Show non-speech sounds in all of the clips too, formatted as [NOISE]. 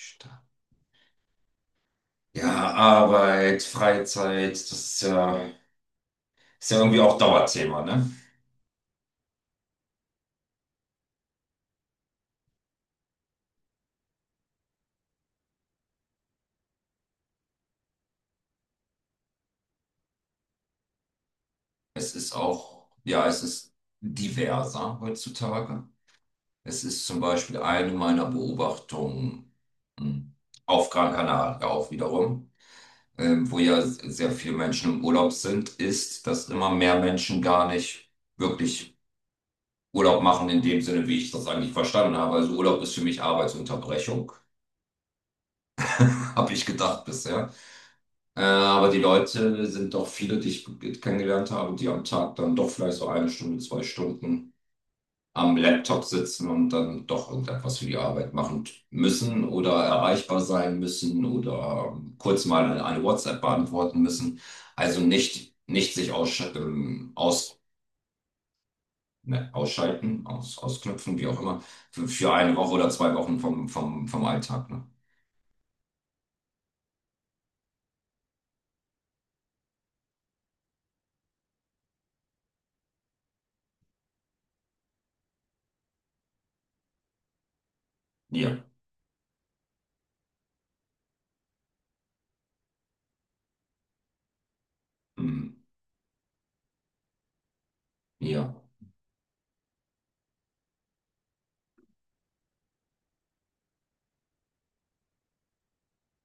Sta- Ja, Arbeit, Freizeit, das ist ja irgendwie auch Dauerthema, ne? Ja, es ist diverser heutzutage. Es ist zum Beispiel eine meiner Beobachtungen hm, auf Gran Canaria ja auch wiederum, wo ja sehr viele Menschen im Urlaub sind, ist, dass immer mehr Menschen gar nicht wirklich Urlaub machen in dem Sinne, wie ich das eigentlich verstanden habe. Also Urlaub ist für mich Arbeitsunterbrechung, [LAUGHS] habe ich gedacht bisher. Aber die Leute sind doch viele, die ich kennengelernt habe, die am Tag dann doch vielleicht so eine Stunde, 2 Stunden am Laptop sitzen und dann doch irgendetwas für die Arbeit machen müssen oder erreichbar sein müssen oder kurz mal eine WhatsApp beantworten müssen. Also nicht sich ne, ausschalten, ausknüpfen, wie auch immer, für eine Woche oder 2 Wochen vom Alltag. Ne? Ja, mm, ja,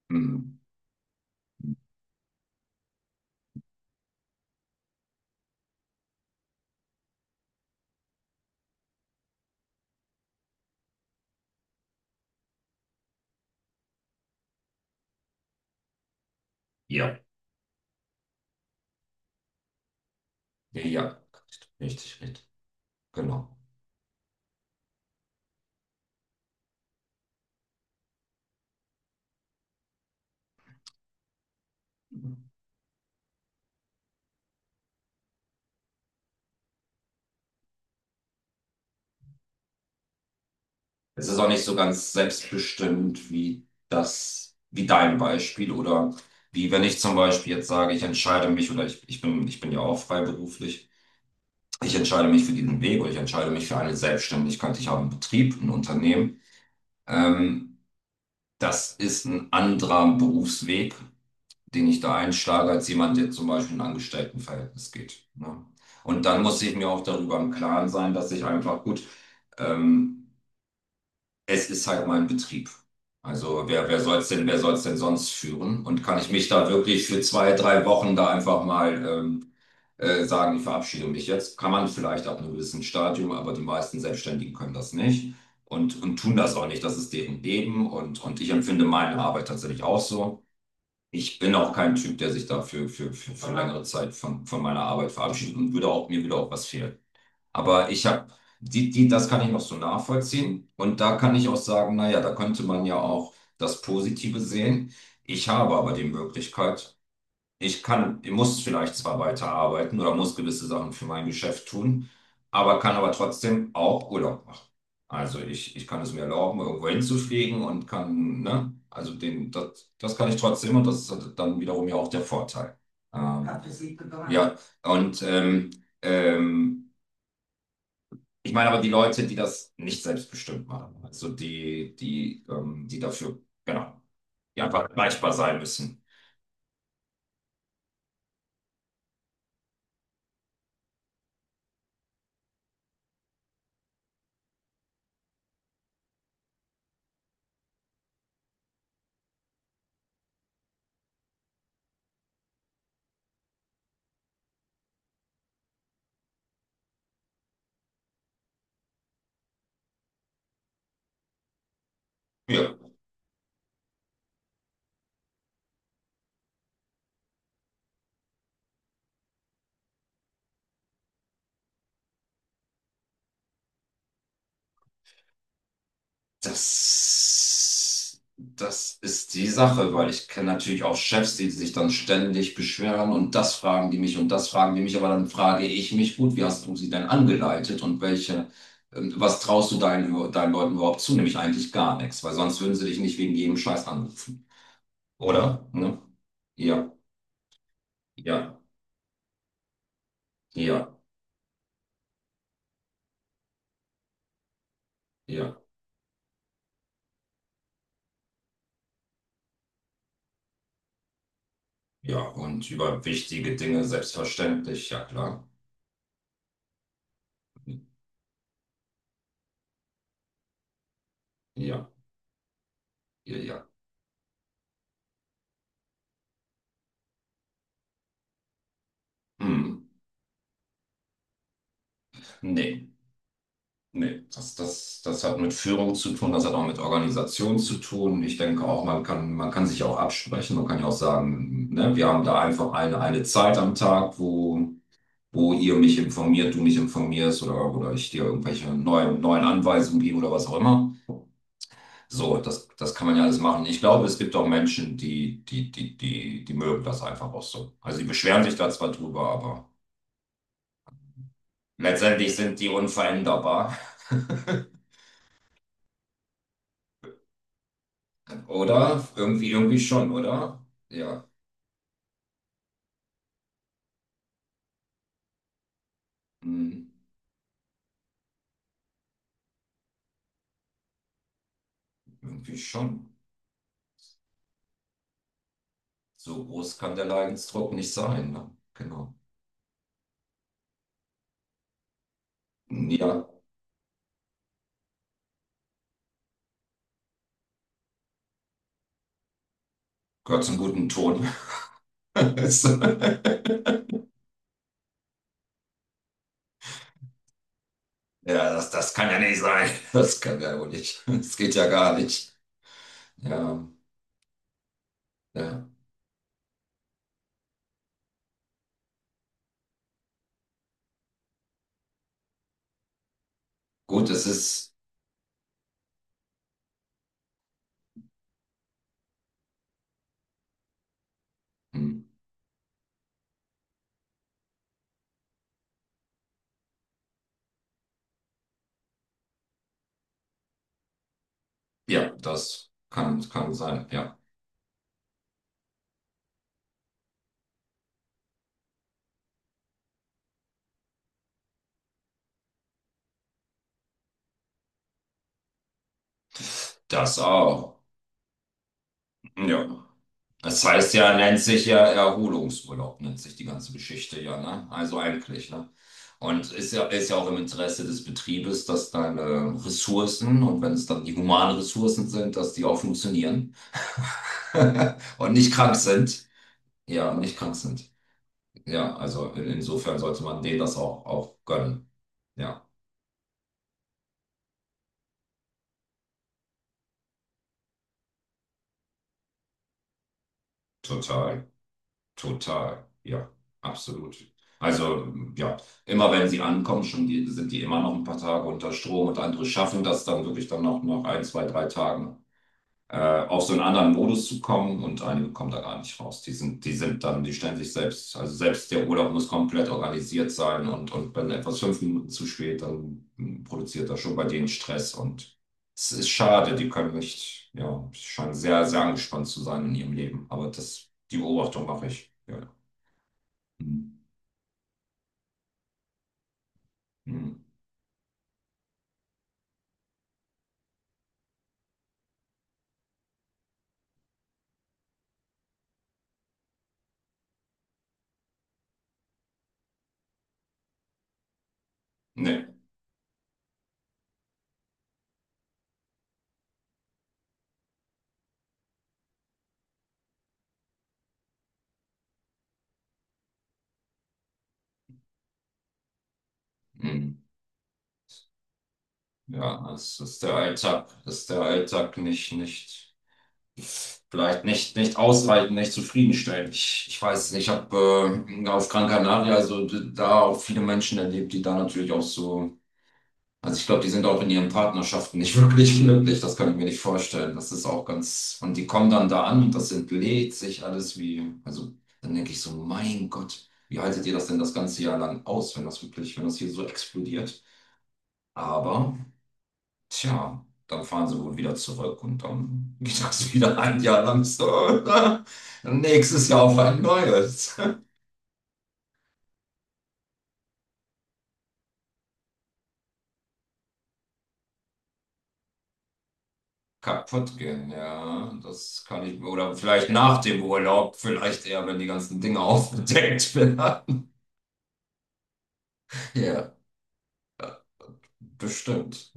mm, ja, ja, richtig, richtig. Genau. Mhm. Es ist auch nicht so ganz selbstbestimmt wie das, wie dein Beispiel oder wie wenn ich zum Beispiel jetzt sage, ich entscheide mich oder ich bin ja auch freiberuflich, ich entscheide mich für diesen Weg oder ich entscheide mich für eine Selbstständigkeit, ich habe einen Betrieb, ein Unternehmen. Ähm, das ist ein anderer Berufsweg, den ich da einschlage, als jemand, der zum Beispiel in ein Angestelltenverhältnis geht. Ne? Und dann muss ich mir auch darüber im Klaren sein, dass ich einfach gut, ähm, Es ist halt mein Betrieb. Also wer soll es denn sonst führen? Und kann ich mich da wirklich für 2, 3 Wochen da einfach mal sagen, ich verabschiede mich jetzt? Kann man vielleicht ab einem gewissen Stadium, aber die meisten Selbstständigen können das nicht und tun das auch nicht. Das ist deren Leben und ich empfinde meine Arbeit tatsächlich auch so. Ich bin auch kein Typ, der sich für längere Zeit von meiner Arbeit verabschiedet und würde auch, mir würde auch was fehlen. Aber ich habe, das kann ich noch so nachvollziehen. Und da kann ich auch sagen, naja, da könnte man ja auch das Positive sehen. Ich habe aber die Möglichkeit, ich muss vielleicht zwar weiterarbeiten oder muss gewisse Sachen für mein Geschäft tun, aber kann aber trotzdem auch Urlaub machen. Also ich kann es mir erlauben, irgendwo hinzufliegen und kann, ne, also das kann ich trotzdem und das ist halt dann wiederum ja auch der Vorteil. Ähm, ja, und ähm, ich meine aber die Leute, die das nicht selbstbestimmt machen, also genau, die einfach erreichbar sein müssen. Ja, das ist die Sache, weil ich kenne natürlich auch Chefs, die sich dann ständig beschweren und das fragen die mich und das fragen die mich, aber dann frage ich mich, gut, wie hast du sie denn angeleitet und was traust du deinen Leuten überhaupt zu? Nämlich eigentlich gar nichts, weil sonst würden sie dich nicht wegen jedem Scheiß anrufen. Oder? Ne? Ja, ja, ja, ja. Ja, und über wichtige Dinge selbstverständlich, ja klar. Ja, ja, ja. Hm. Nee, nee. Das hat mit Führung zu tun, das hat auch mit Organisation zu tun. Ich denke auch, man kann sich auch absprechen. Man kann ja auch sagen, ne, wir haben da einfach eine Zeit am Tag, wo ihr mich informiert, du mich informierst oder ich dir irgendwelche neuen Anweisungen gebe oder was auch immer. So, das kann man ja alles machen. Ich glaube, es gibt auch Menschen, die mögen das einfach auch so. Also die beschweren sich da zwar drüber, aber letztendlich sind die unveränderbar. [LAUGHS] Oder? Irgendwie schon, oder? Ja, hm, irgendwie schon. So groß kann der Leidensdruck nicht sein. Ne? Genau. Ja, gehört zum guten Ton. [LAUGHS] Ja, das kann ja nicht sein. Das kann ja wohl nicht. Das geht ja gar nicht. Ja, ja. Gut, es ist. Hm. Ja, das kann sein. Ja, das auch. Ja. Das heißt ja, nennt sich ja Erholungsurlaub, nennt sich die ganze Geschichte ja, ne? Also eigentlich, ne? Und ist ja auch im Interesse des Betriebes, dass deine Ressourcen, und wenn es dann die humanen Ressourcen sind, dass die auch funktionieren [LAUGHS] und nicht krank sind. Ja, und nicht krank sind. Ja, also insofern sollte man denen das auch gönnen. Ja, total. Total, ja, absolut. Also, ja, immer wenn sie ankommen, schon sind die immer noch ein paar Tage unter Strom und andere schaffen das dann wirklich dann noch nach ein, zwei, drei Tagen äh, auf so einen anderen Modus zu kommen und einige kommen da gar nicht raus. Die stellen sich selbst, also selbst der Urlaub muss komplett organisiert sein und wenn etwas 5 Minuten zu spät, dann produziert das schon bei denen Stress und es ist schade, die können nicht, ja, scheinen sehr, sehr angespannt zu sein in ihrem Leben, aber die Beobachtung mache ich. Ja. Hm, hm. Nee. Hm. Ja, das ist der Alltag. Das ist der Alltag nicht, vielleicht nicht, nicht ausreichend, nicht zufriedenstellend. Ich weiß es nicht. Ich habe auf Gran Canaria, also da auch viele Menschen erlebt, die da natürlich auch so, also ich glaube, die sind auch in ihren Partnerschaften nicht [LAUGHS] wirklich glücklich. Das kann ich mir nicht vorstellen. Das ist auch ganz, und die kommen dann da an und das entlädt sich alles wie, also dann denke ich so, mein Gott. Wie haltet ihr das denn das ganze Jahr lang aus, wenn das hier so explodiert? Aber, tja, dann fahren sie wohl wieder zurück und dann [LAUGHS] geht das wieder ein Jahr lang so. [LAUGHS] Nächstes Jahr auf ein neues. [LAUGHS] Kaputt gehen, ja, das kann ich, oder vielleicht nach dem Urlaub, vielleicht eher, wenn die ganzen Dinge aufgedeckt werden. [LAUGHS] Ja, bestimmt.